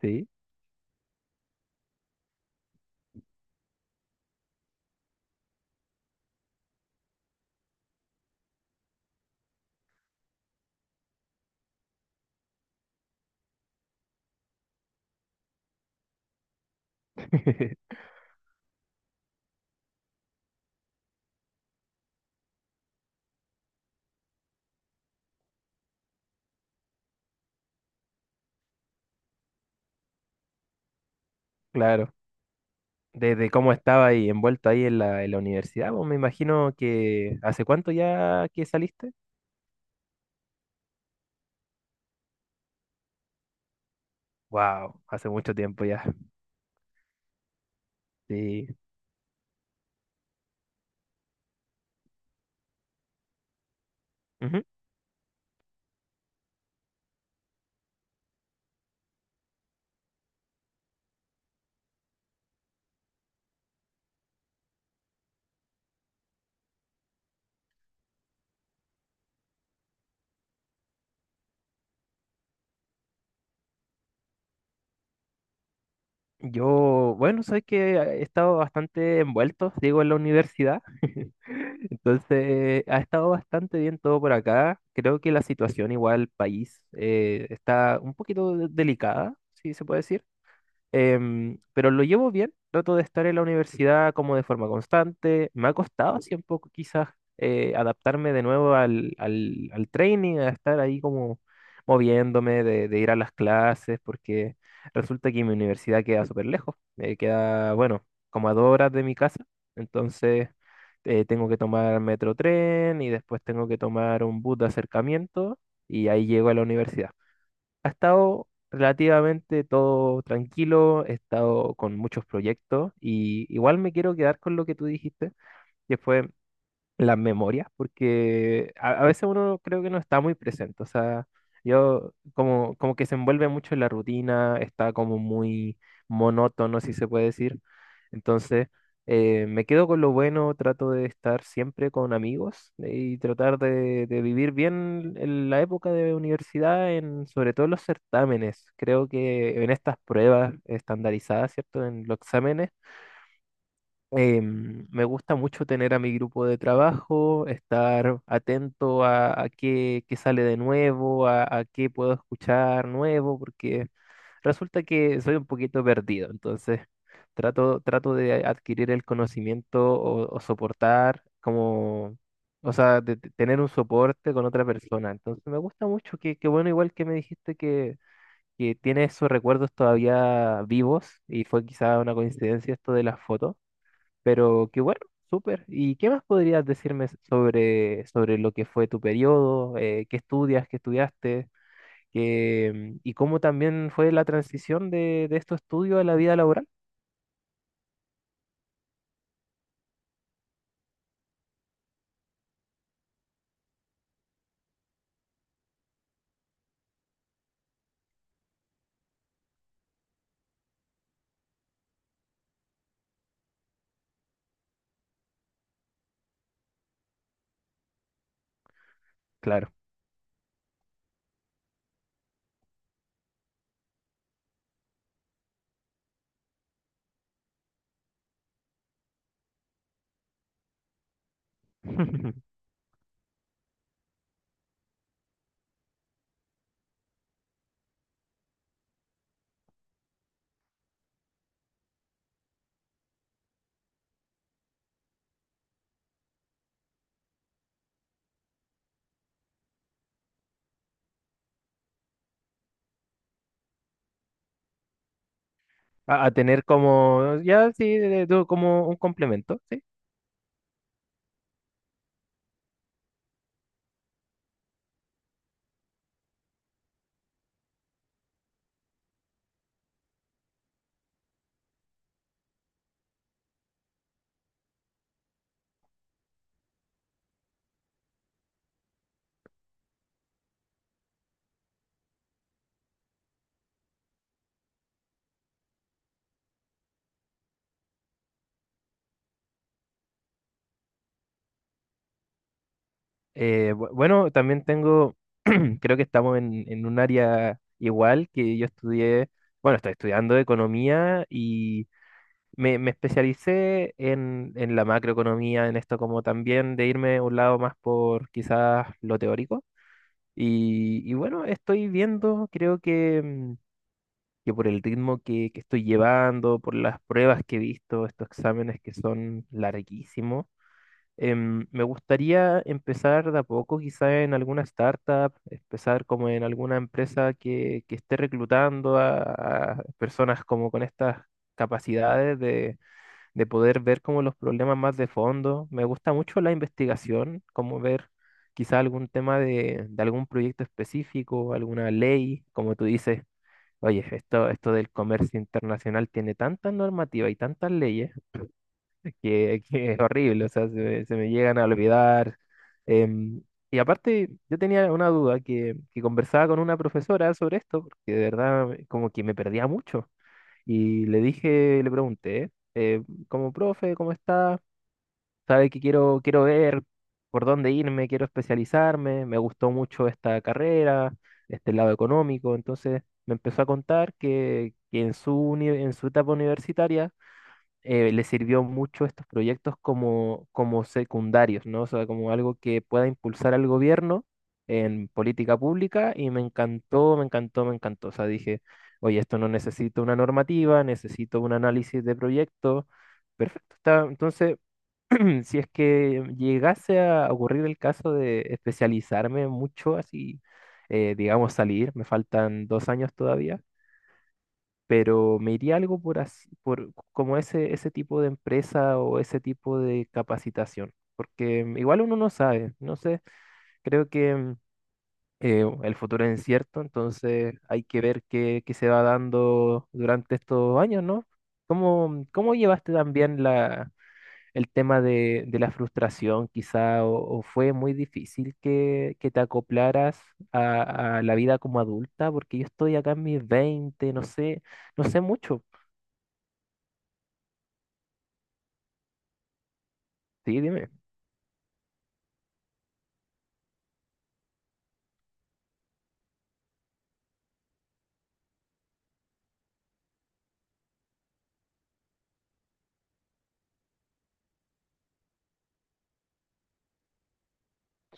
Sí, claro. Desde cómo estaba ahí envuelto ahí en la universidad, pues me imagino que, ¿hace cuánto ya que saliste? Wow, hace mucho tiempo ya. Sí. Ujú. Yo, bueno, sabes que he estado bastante envuelto, digo, en la universidad. Entonces, ha estado bastante bien todo por acá. Creo que la situación igual país está un poquito delicada, si se puede decir. Pero lo llevo bien, trato de estar en la universidad como de forma constante. Me ha costado así un poco quizás adaptarme de nuevo al training, a estar ahí como moviéndome, de ir a las clases, porque resulta que mi universidad queda súper lejos. Queda, bueno, como a dos horas de mi casa. Entonces tengo que tomar metro tren y después tengo que tomar un bus de acercamiento y ahí llego a la universidad. Ha estado relativamente todo tranquilo, he estado con muchos proyectos, y igual me quiero quedar con lo que tú dijiste, que fue las memorias, porque a veces uno creo que no está muy presente, o sea, yo como, como que se envuelve mucho en la rutina, está como muy monótono, si se puede decir, entonces me quedo con lo bueno, trato de estar siempre con amigos, y tratar de vivir bien en la época de universidad, en, sobre todo en los certámenes, creo que en estas pruebas estandarizadas, ¿cierto? En los exámenes me gusta mucho tener a mi grupo de trabajo, estar atento a qué sale de nuevo, a qué puedo escuchar nuevo, porque resulta que soy un poquito perdido, entonces trato de adquirir el conocimiento o soportar como, o sea, de tener un soporte con otra persona. Entonces me gusta mucho, que bueno, igual que me dijiste que tiene esos recuerdos todavía vivos y fue quizá una coincidencia esto de las fotos. Pero qué bueno, súper. ¿Y qué más podrías decirme sobre, sobre lo que fue tu periodo? ¿Qué estudias? ¿Qué estudiaste? Qué, ¿y cómo también fue la transición de estos estudios a la vida laboral? Claro. A a tener como, ya sí, como un complemento, ¿sí? Bueno, también tengo, creo que estamos en un área. Igual que, yo estudié, bueno, estoy estudiando economía, y me especialicé en la macroeconomía, en esto como también de irme a un lado más por, quizás, lo teórico. Y bueno, estoy viendo, creo que, que por el ritmo que estoy llevando, por las pruebas que he visto, estos exámenes que son larguísimos. Me gustaría empezar de a poco, quizá en alguna startup, empezar como en alguna empresa que esté reclutando a personas como con estas capacidades de poder ver como los problemas más de fondo. Me gusta mucho la investigación, como ver quizá algún tema de algún proyecto específico, alguna ley, como tú dices, oye, esto del comercio internacional tiene tanta normativa y tantas leyes que, que es horrible, o sea, se me llegan a olvidar. em, y aparte, yo tenía una duda que conversaba con una profesora sobre esto, porque de verdad como que me perdía mucho. Y le dije, le pregunté, como, profe, ¿cómo está? ¿Sabe que quiero, quiero ver por dónde irme? Quiero especializarme, me gustó mucho esta carrera, este lado económico. Entonces me empezó a contar que en su, en su etapa universitaria le sirvió mucho estos proyectos como, como secundarios, ¿no? O sea, como algo que pueda impulsar al gobierno en política pública, y me encantó, me encantó, me encantó. O sea, dije, oye, esto no necesito una normativa, necesito un análisis de proyecto. Perfecto. Está. Entonces, si es que llegase a ocurrir el caso de especializarme mucho, así, digamos, salir, me faltan dos años todavía, pero me iría algo por así, por como ese tipo de empresa o ese tipo de capacitación, porque igual uno no sabe, no sé, creo que, el futuro es incierto. Entonces hay que ver qué, qué se va dando durante estos años, ¿no? ¿Cómo, cómo llevaste también la, el tema de la frustración? Quizá, ¿o o fue muy difícil que te acoplaras a la vida como adulta? Porque yo estoy acá en mis veinte, no sé, no sé mucho. Sí, dime.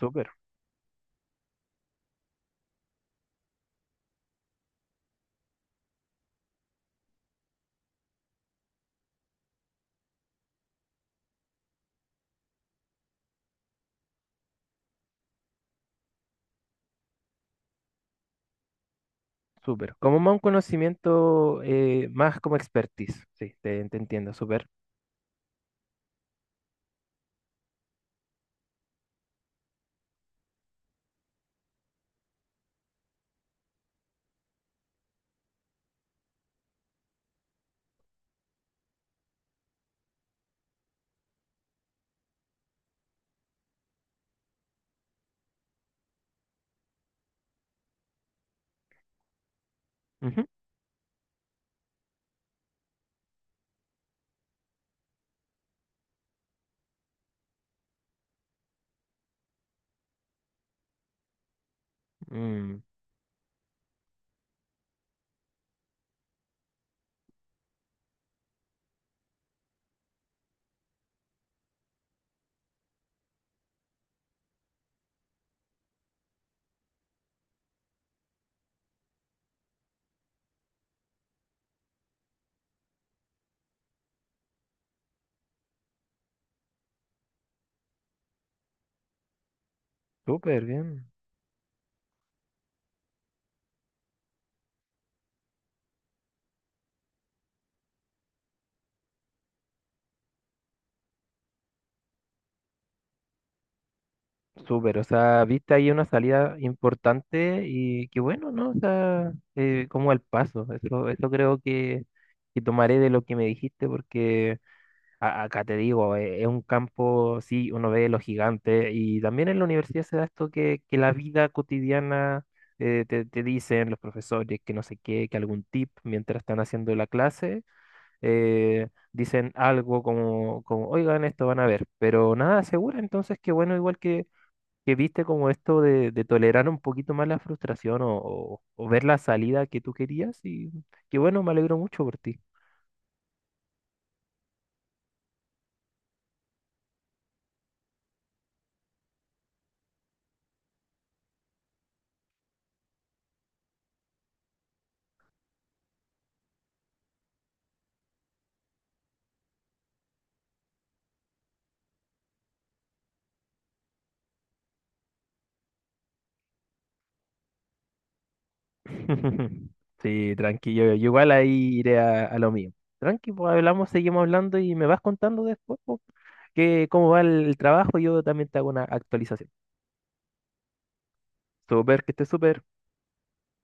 Súper, súper. Como más un conocimiento, más como expertise. Sí, te entiendo, súper. Ujú. Mm, súper, bien. Súper, o sea, viste ahí una salida importante y qué bueno, ¿no? O sea, como al paso. Eso creo que tomaré de lo que me dijiste, porque acá te digo, es un campo, sí, uno ve los gigantes y también en la universidad se da esto que la vida cotidiana, te, te dicen los profesores que no sé qué, que algún tip mientras están haciendo la clase, dicen algo como, como, oigan, esto van a ver, pero nada segura. Entonces qué bueno, igual que viste como esto de tolerar un poquito más la frustración, o ver la salida que tú querías, y qué bueno, me alegro mucho por ti. Sí, tranquilo. Yo igual ahí iré a lo mío. Tranqui, pues hablamos, seguimos hablando y me vas contando después, pues, que cómo va el trabajo. Yo también te hago una actualización. Súper, que esté súper.